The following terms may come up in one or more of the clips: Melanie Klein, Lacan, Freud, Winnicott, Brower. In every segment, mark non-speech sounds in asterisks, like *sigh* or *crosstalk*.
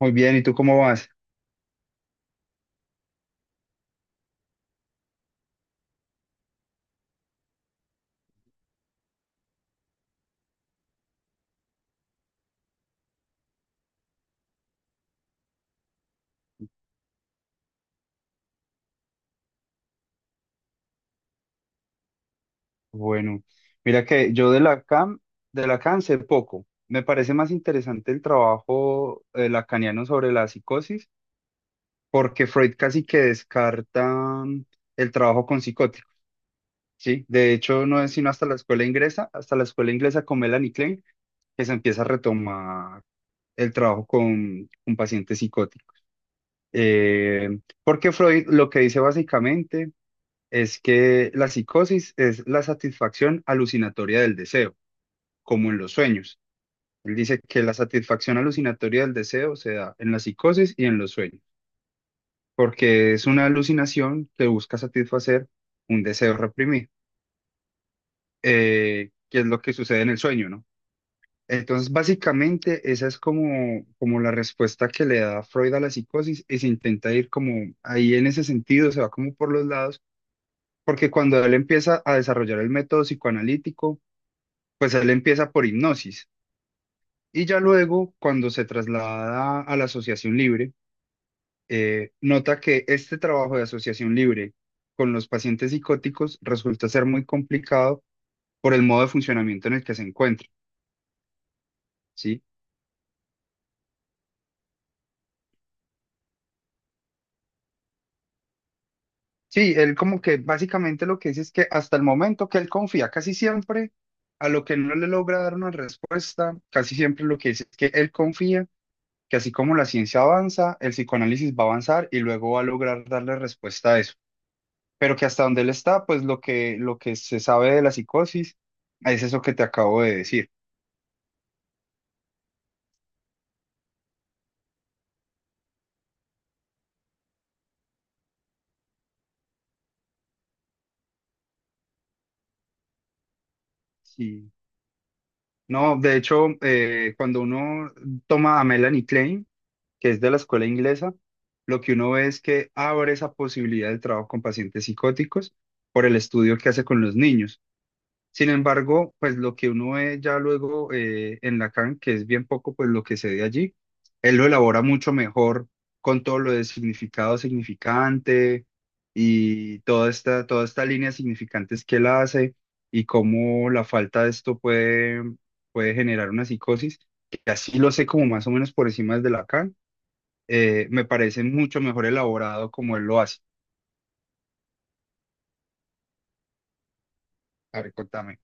Muy bien, ¿y tú cómo vas? Bueno, mira que yo de la CAM, de la CAM sé poco. Me parece más interesante el trabajo lacaniano sobre la psicosis, porque Freud casi que descarta mm, el trabajo con psicóticos, ¿sí? De hecho, no es sino hasta la escuela inglesa, hasta la escuela inglesa con Melanie Klein, que se empieza a retomar el trabajo con un paciente psicótico. Porque Freud lo que dice básicamente es que la psicosis es la satisfacción alucinatoria del deseo, como en los sueños. Él dice que la satisfacción alucinatoria del deseo se da en la psicosis y en los sueños, porque es una alucinación que busca satisfacer un deseo reprimido, que es lo que sucede en el sueño, ¿no? Entonces, básicamente, esa es como, como la respuesta que le da Freud a la psicosis y se intenta ir como ahí en ese sentido, se va como por los lados, porque cuando él empieza a desarrollar el método psicoanalítico, pues él empieza por hipnosis y ya luego cuando se traslada a la asociación libre, nota que este trabajo de asociación libre con los pacientes psicóticos resulta ser muy complicado por el modo de funcionamiento en el que se encuentra, ¿sí? Sí, él como que básicamente lo que dice es que hasta el momento que él confía casi siempre a lo que no le logra dar una respuesta, casi siempre lo que dice es que él confía que así como la ciencia avanza, el psicoanálisis va a avanzar y luego va a lograr darle respuesta a eso. Pero que hasta donde él está, pues lo que se sabe de la psicosis es eso que te acabo de decir. Sí. No, de hecho, cuando uno toma a Melanie Klein, que es de la escuela inglesa, lo que uno ve es que abre esa posibilidad de trabajo con pacientes psicóticos por el estudio que hace con los niños. Sin embargo, pues lo que uno ve ya luego en Lacan, que es bien poco, pues lo que se ve allí, él lo elabora mucho mejor con todo lo de significado significante y toda esta línea de significantes que él hace y cómo la falta de esto puede, puede generar una psicosis, que así lo sé como más o menos por encima de Lacan, me parece mucho mejor elaborado como él lo hace. A ver, contame.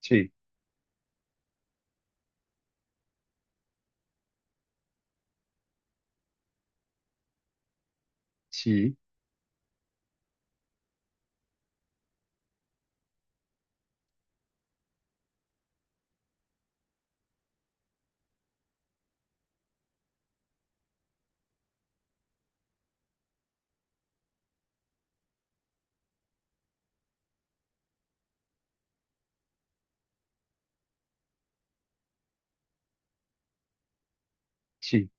Sí, sí, sí.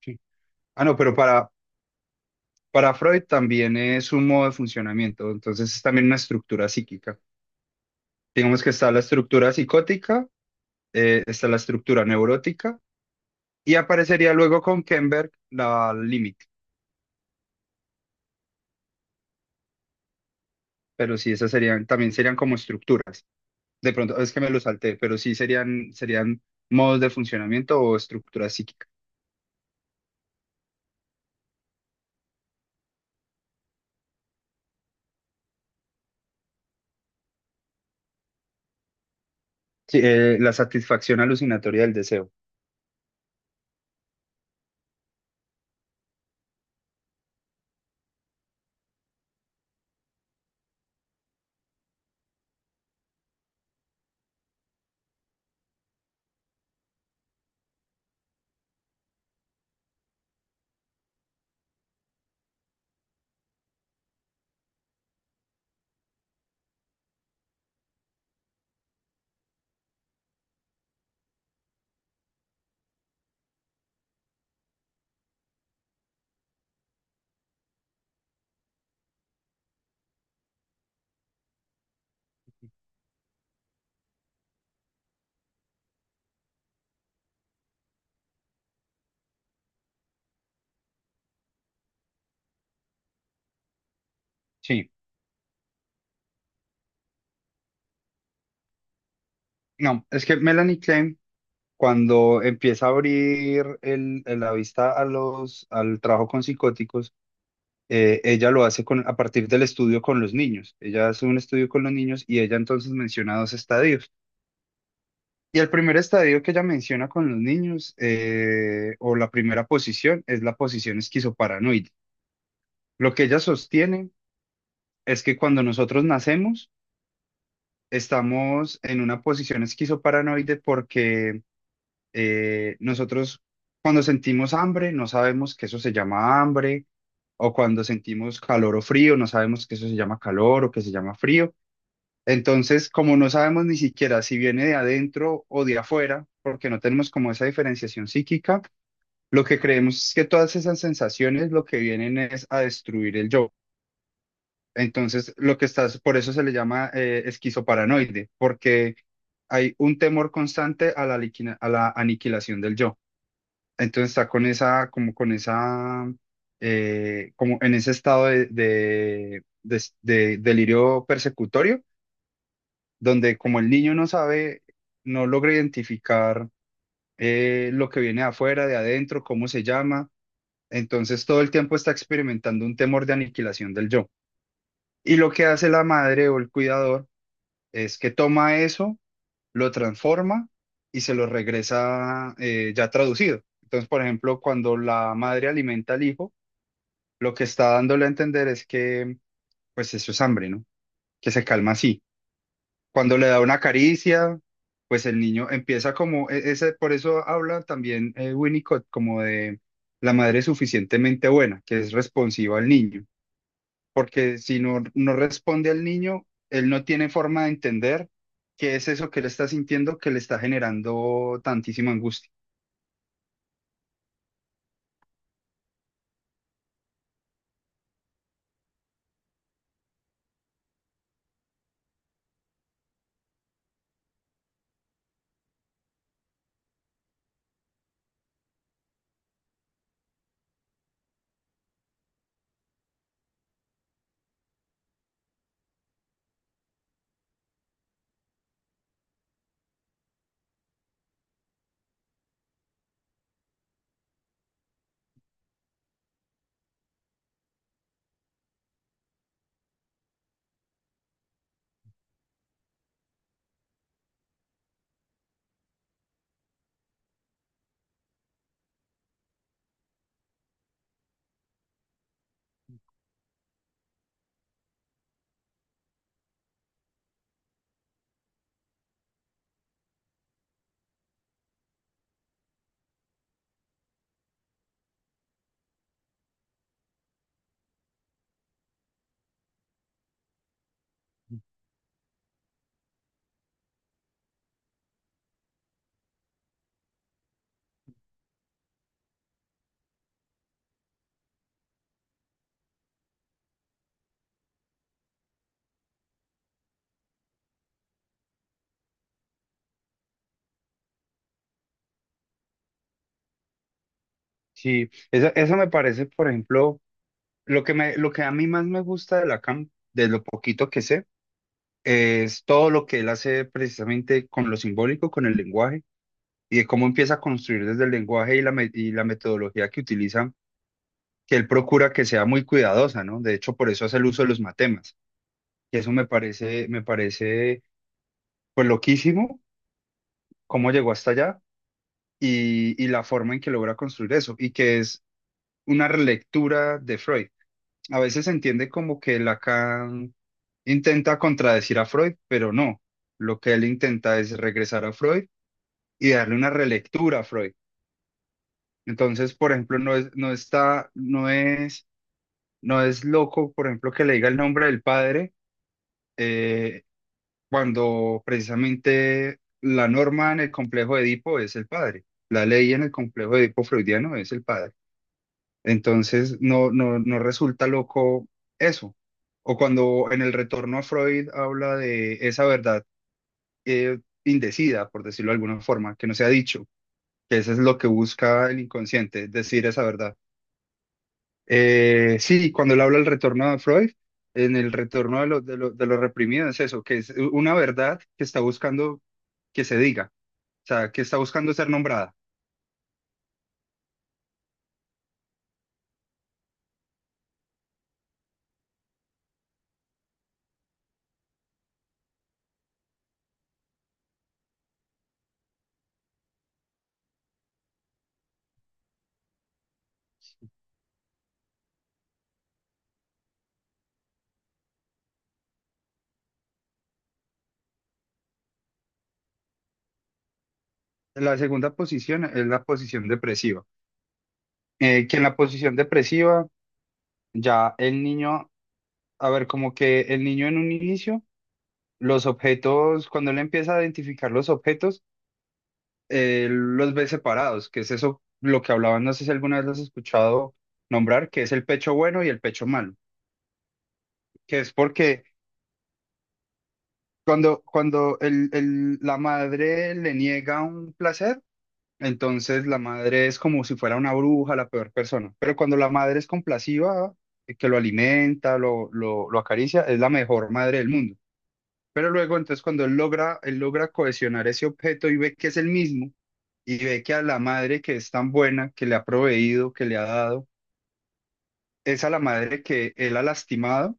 Sí. Ah, no, pero para Freud también es un modo de funcionamiento, entonces es también una estructura psíquica. Digamos que está la estructura psicótica, está la estructura neurótica y aparecería luego con Kenberg la límite. Pero sí, esas serían, también serían como estructuras. De pronto, es que me lo salté, pero sí serían, serían modos de funcionamiento o estructura psíquica. Sí, la satisfacción alucinatoria del deseo. Sí, no, es que Melanie Klein, cuando empieza a abrir la vista a los, al trabajo con psicóticos, ella lo hace con, a partir del estudio con los niños. Ella hace un estudio con los niños y ella entonces menciona dos estadios. Y el primer estadio que ella menciona con los niños, o la primera posición, es la posición esquizoparanoide. Lo que ella sostiene es que cuando nosotros nacemos, estamos en una posición esquizoparanoide porque nosotros cuando sentimos hambre no sabemos que eso se llama hambre, o cuando sentimos calor o frío no sabemos que eso se llama calor o que se llama frío. Entonces, como no sabemos ni siquiera si viene de adentro o de afuera, porque no tenemos como esa diferenciación psíquica, lo que creemos es que todas esas sensaciones lo que vienen es a destruir el yo. Entonces, lo que estás, por eso se le llama esquizoparanoide, porque hay un temor constante a la a la aniquilación del yo. Entonces está con esa, como en ese estado de, de delirio persecutorio, donde como el niño no sabe, no logra identificar lo que viene de afuera, de adentro, cómo se llama, entonces todo el tiempo está experimentando un temor de aniquilación del yo. Y lo que hace la madre o el cuidador es que toma eso, lo transforma y se lo regresa ya traducido. Entonces, por ejemplo, cuando la madre alimenta al hijo, lo que está dándole a entender es que, pues eso es hambre, ¿no? Que se calma así. Cuando le da una caricia, pues el niño empieza como, por eso habla también Winnicott como de la madre suficientemente buena, que es responsiva al niño, porque si no, no responde al niño, él no tiene forma de entender qué es eso que él está sintiendo que le está generando tantísima angustia. Sí, eso me parece, por ejemplo, lo que a mí más me gusta de Lacan, de lo poquito que sé es todo lo que él hace precisamente con lo simbólico, con el lenguaje, y de cómo empieza a construir desde el lenguaje y y la metodología que utilizan, que él procura que sea muy cuidadosa, ¿no? De hecho, por eso hace el uso de los matemas, y eso me parece, pues, loquísimo, cómo llegó hasta allá y la forma en que logra construir eso, y que es una relectura de Freud. A veces se entiende como que Lacan intenta contradecir a Freud, pero no. Lo que él intenta es regresar a Freud y darle una relectura a Freud. Entonces, por ejemplo, no es, no es loco, por ejemplo, que le diga el nombre del padre eh, cuando precisamente la norma en el complejo de Edipo es el padre. La ley en el complejo de Edipo freudiano es el padre. Entonces, no resulta loco eso. O cuando en el retorno a Freud habla de esa verdad eh, indecida, por decirlo de alguna forma, que no se ha dicho, que eso es lo que busca el inconsciente, decir esa verdad. Sí, cuando él habla del retorno de Freud, en el retorno de lo reprimido es eso, que es una verdad que está buscando que se diga, o sea, que está buscando ser nombrada. La segunda posición es la posición depresiva, que en la posición depresiva ya el niño, a ver, como que el niño en un inicio, los objetos, cuando él empieza a identificar los objetos, los ve separados, que es eso lo que hablaban, no sé si alguna vez los has escuchado nombrar, que es el pecho bueno y el pecho malo, que es porque cuando la madre le niega un placer, entonces la madre es como si fuera una bruja, la peor persona, pero cuando la madre es compasiva, que lo alimenta, lo acaricia, es la mejor madre del mundo. Pero luego, entonces, cuando él logra cohesionar ese objeto y ve que es el mismo, y ve que a la madre que es tan buena, que le ha proveído, que le ha dado, es a la madre que él ha lastimado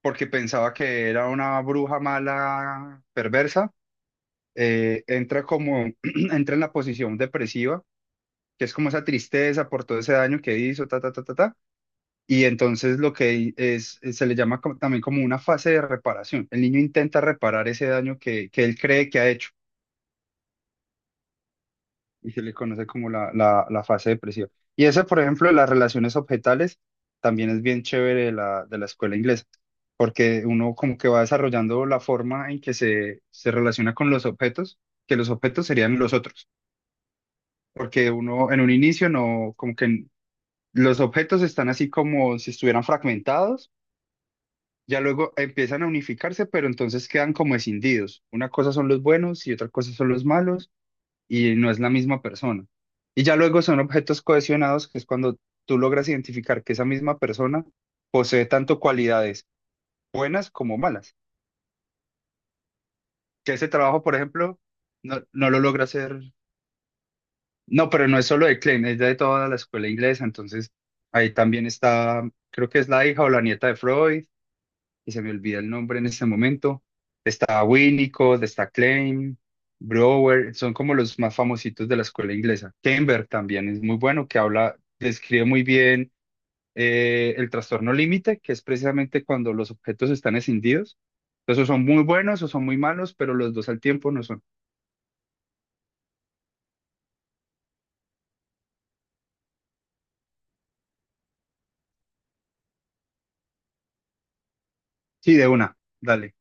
porque pensaba que era una bruja mala, perversa, entra como, *clears throat* entra en la posición depresiva, que es como esa tristeza por todo ese daño que hizo, ta, ta, ta, ta, ta. Y entonces lo que es- se le llama también como una fase de reparación. El niño intenta reparar ese daño que él cree que ha hecho. Y se le conoce como la fase depresiva. Y ese por ejemplo, de las relaciones objetales, también es bien chévere de de la escuela inglesa, porque uno como que va desarrollando la forma en que se relaciona con los objetos, que los objetos serían los otros, porque uno en un inicio no, como que los objetos están así como si estuvieran fragmentados, ya luego empiezan a unificarse, pero entonces quedan como escindidos. Una cosa son los buenos y otra cosa son los malos y no es la misma persona. Y ya luego son objetos cohesionados, que es cuando tú logras identificar que esa misma persona posee tanto cualidades buenas como malas. Que ese trabajo, por ejemplo, no lo logra hacer. No, pero no es solo de Klein, es de toda la escuela inglesa. Entonces, ahí también está, creo que es la hija o la nieta de Freud y se me olvida el nombre en este momento. Está Winnicott, está Klein, Brower, son como los más famositos de la escuela inglesa. Kember también es muy bueno, que habla, describe muy bien el trastorno límite, que es precisamente cuando los objetos están escindidos. Entonces, o son muy buenos o son muy malos, pero los dos al tiempo no son. Sí, de una, dale.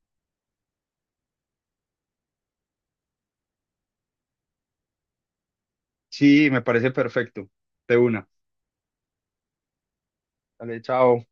Sí, me parece perfecto. De una. Dale, chao.